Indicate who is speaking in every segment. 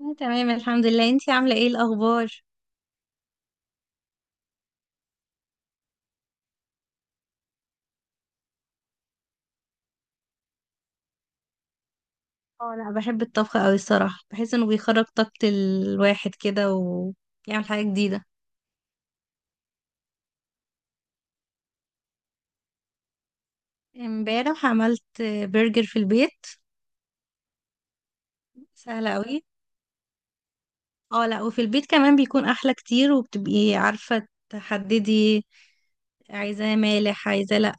Speaker 1: أنا تمام الحمد لله، انتي عاملة ايه الأخبار؟ اه، انا بحب الطبخ اوي الصراحة، بحس انه بيخرج طاقة الواحد كده ويعمل حاجة جديدة. امبارح عملت برجر في البيت. سهلة اوي. اه لا، وفي البيت كمان بيكون احلى كتير، وبتبقي عارفة تحددي عايزاه مالح عايزاه لا،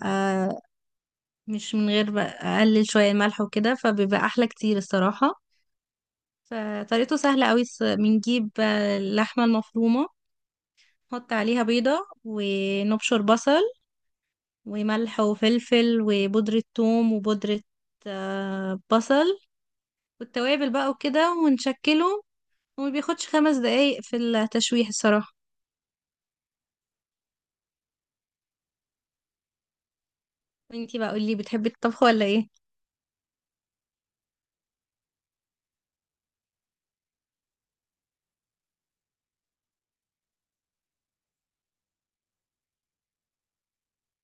Speaker 1: مش من غير بقى. اقلل شوية الملح وكده فبيبقى احلى كتير الصراحة. فطريقته سهلة اوي، بنجيب اللحمة المفرومة، نحط عليها بيضة، ونبشر بصل وملح وفلفل وبودرة ثوم وبودرة بصل، والتوابل بقى وكده ونشكله. وما بياخدش 5 دقايق في التشويح الصراحة. وانتي بقى قولي، بتحبي الطبخ ولا ايه؟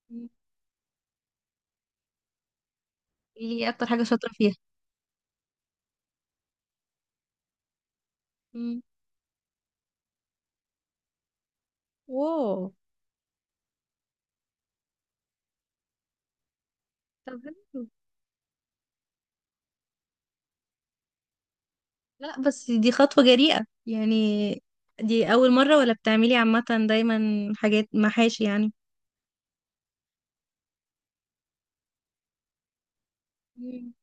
Speaker 1: مم. قولي، ايه اكتر حاجة شاطرة فيها؟ مم. واو. طب حلو. لا، بس دي خطوة جريئة يعني. دي أول مرة ولا بتعملي عامة دايما حاجات محاشي يعني؟ مم.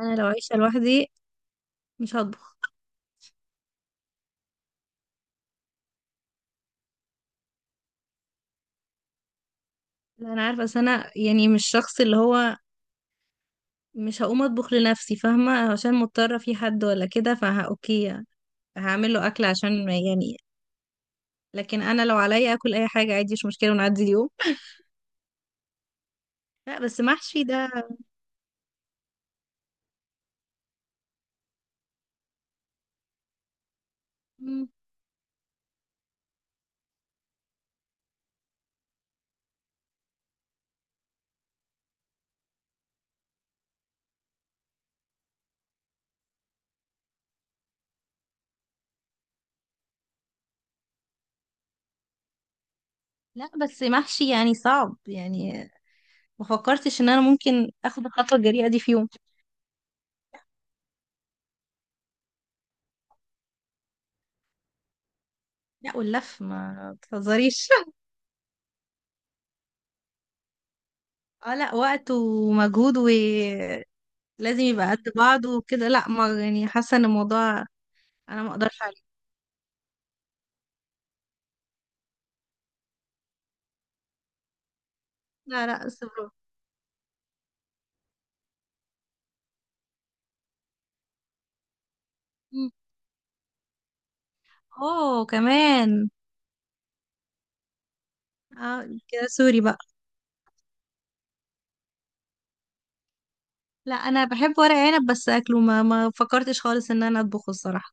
Speaker 1: انا لو عايشة لوحدي مش هطبخ. لا انا عارفه، بس انا يعني مش شخص اللي هو مش هقوم اطبخ لنفسي، فاهمه؟ عشان مضطره في حد ولا كده فها اوكي، هعمل له اكل عشان يعني. لكن انا لو عليا اكل اي حاجه عادي، مش مشكله ونعدي اليوم. لا بس محشي ده. مم. لا بس محشي يعني صعب يعني. ما فكرتش ان انا ممكن اخد الخطوه الجريئه دي في يوم. لا واللف ما تهزريش. اه لا، وقت ومجهود، ولازم يبقى قد بعض وكده. لا، ما يعني، حاسه ان الموضوع انا ما اقدرش عليه. لا لا، بس برافو. اوه كمان. اه، كده سوري بقى. لا انا بحب ورق عنب بس اكله، ما فكرتش خالص ان انا اطبخه الصراحه.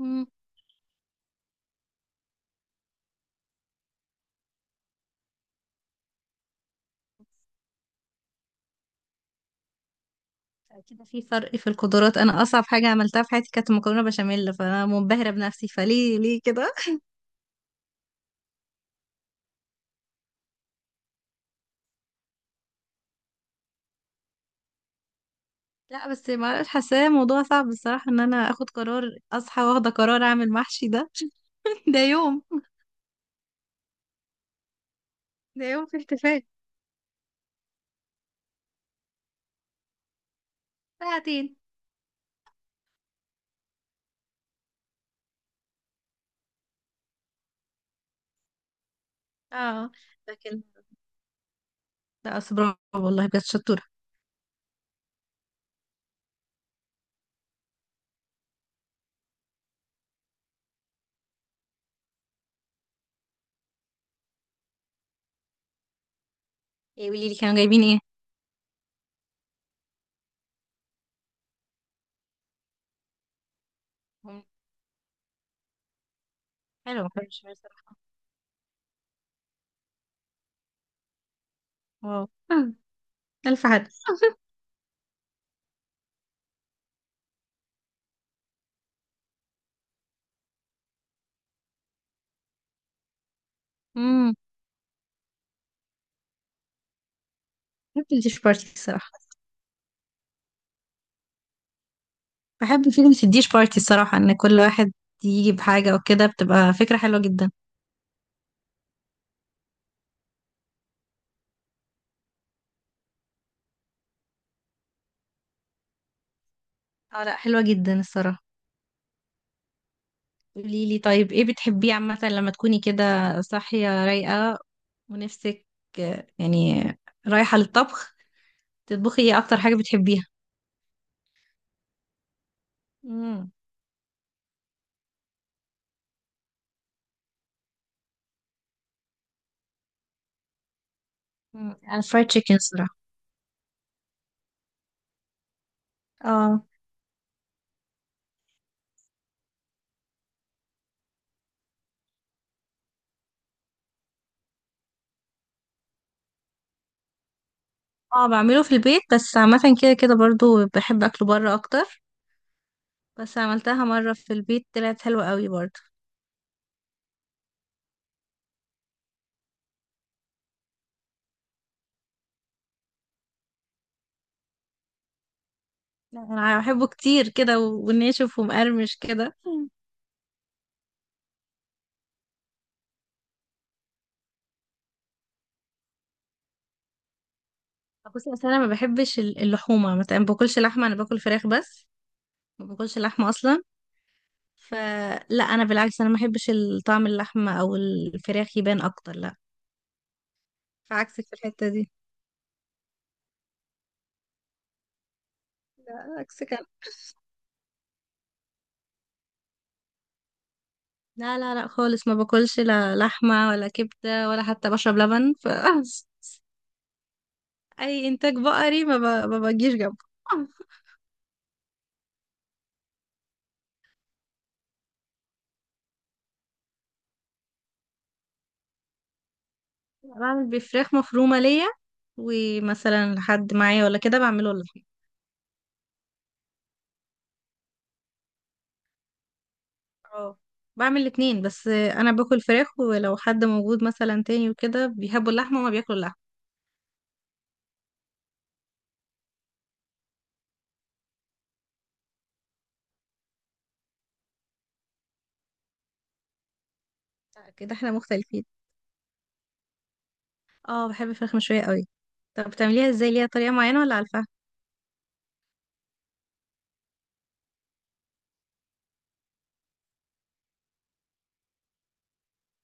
Speaker 1: امم. اكيد في فرق في القدرات. انا اصعب حاجه عملتها في حياتي كانت مكرونه بشاميل، فانا منبهره بنفسي، فليه ليه كده. لا بس ما اعرفش، حاساه موضوع صعب الصراحه ان انا اخد قرار اصحى واخده قرار اعمل محشي ده. ده يوم. ده يوم في احتفال. ساعتين؟ اه لكن. لا أصل برافو والله، بجد شطوره. إيه، قولي لي كانوا جايبين ايه. هم- حلو، مكرونه بشاميل صراحه. واو. ألف حدث. امم. بحب الديش بارتي الصراحة. بحب فكرة الديش بارتي الصراحة، إن كل واحد يجي بحاجة وكده، بتبقى فكرة حلوة جدا. اه لا، حلوة جدا الصراحة. قوليلي طيب، ايه بتحبيه عامة لما تكوني كده صاحية رايقة ونفسك يعني رايحة للطبخ، تطبخي ايه أكتر حاجة بتحبيها؟ امم. أنا فرايد تشيكن الصراحة. اه. اه، بعمله في البيت بس عامة كده كده برضو بحب أكله بره أكتر. بس عملتها مرة في البيت طلعت حلوة قوي برضو. لا، انا بحبه كتير كده و- وناشف ومقرمش كده. بصي اصل انا ما بحبش اللحومه، مثلا ما باكلش لحمه، انا باكل فراخ بس. ما باكلش لحمه اصلا. فلا، انا بالعكس، انا ما بحبش طعم اللحمه او الفراخ يبان اكتر، لا. فعكسك في الحته دي. لا عكسك أنا. لا لا لا خالص، ما باكلش لا لحمه ولا كبده ولا حتى بشرب لبن، ف. اي انتاج بقري ما بجيش جنبه. بعمل بفراخ مفرومه ليا، ومثلا لحد معايا ولا كده بعمله لحمه. اه، بعمل الاتنين، بس انا باكل فراخ، ولو حد موجود مثلا تاني وكده بيحبوا اللحمه، وما بياكلوا اللحمه. لا، كده احنا مختلفين. اه، بحب الفراخ مشويه قوي. طب بتعمليها ازاي، ليها طريقه معينه ولا على الفحم؟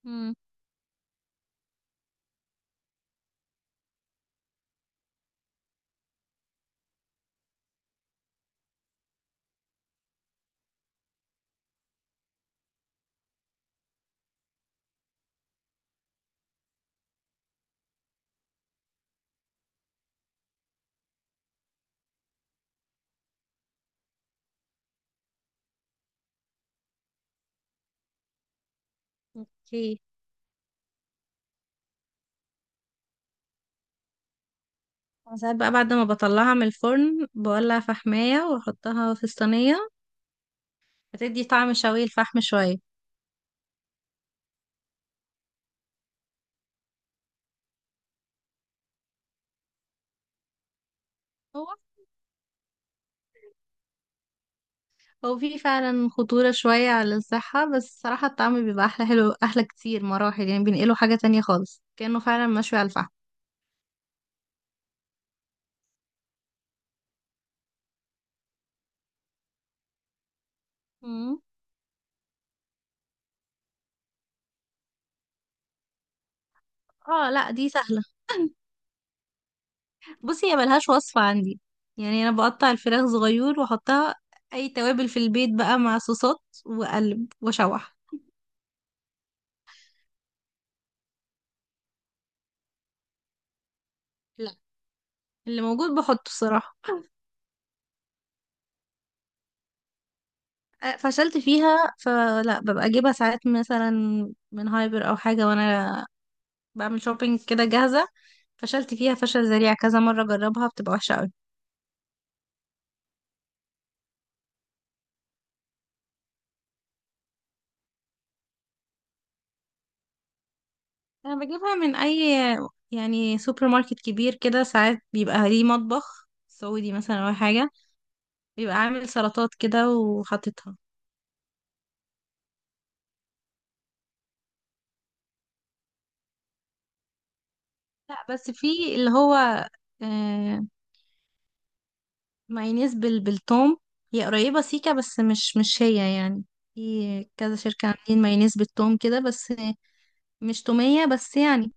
Speaker 1: مم. اوكي. أنا ساعات بقى بعد ما بطلعها من الفرن بولع فحمايه واحطها في الصينيه، بتدي طعم شوي الفحم شويه. هو هو في فعلا خطوره شويه على الصحه، بس صراحه الطعم بيبقى احلى، حلو احلى كتير مراحل، يعني بينقله حاجه تانية خالص، كانه فعلا مشوي على الفحم. مم. اه لا، دي سهلة. بصي، هي ملهاش وصفة عندي، يعني انا بقطع الفراخ صغير واحطها. اي توابل في البيت بقى مع صوصات، واقلب واشوح. لا. اللي موجود بحطه الصراحة. فشلت فيها، فلا ببقى اجيبها ساعات مثلا من هايبر او حاجة، وانا بعمل شوبينج كده جاهزة. فشلت فيها فشل ذريع كذا مرة، جربها بتبقى وحشة قوي. انا بجيبها من اي يعني سوبر ماركت كبير كده، ساعات بيبقى ليه مطبخ سعودي مثلا او حاجة، بيبقى عامل سلطات كده وحاططها. لا بس في اللي هو آه مايونيز بالثوم. هي قريبة سيكا بس مش هي يعني. في كذا شركة عاملين مايونيز بالثوم كده بس. مش تومية بس يعني.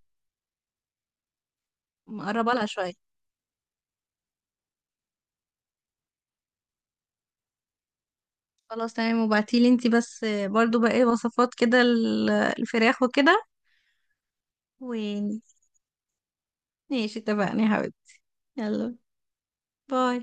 Speaker 1: مقربة لها شوية. خلاص تمام، وبعتيلي انتي بس برضو بقى ايه وصفات كده الفراخ وكده. وماشي، اتفقنا يا حبيبي. يلا، باي.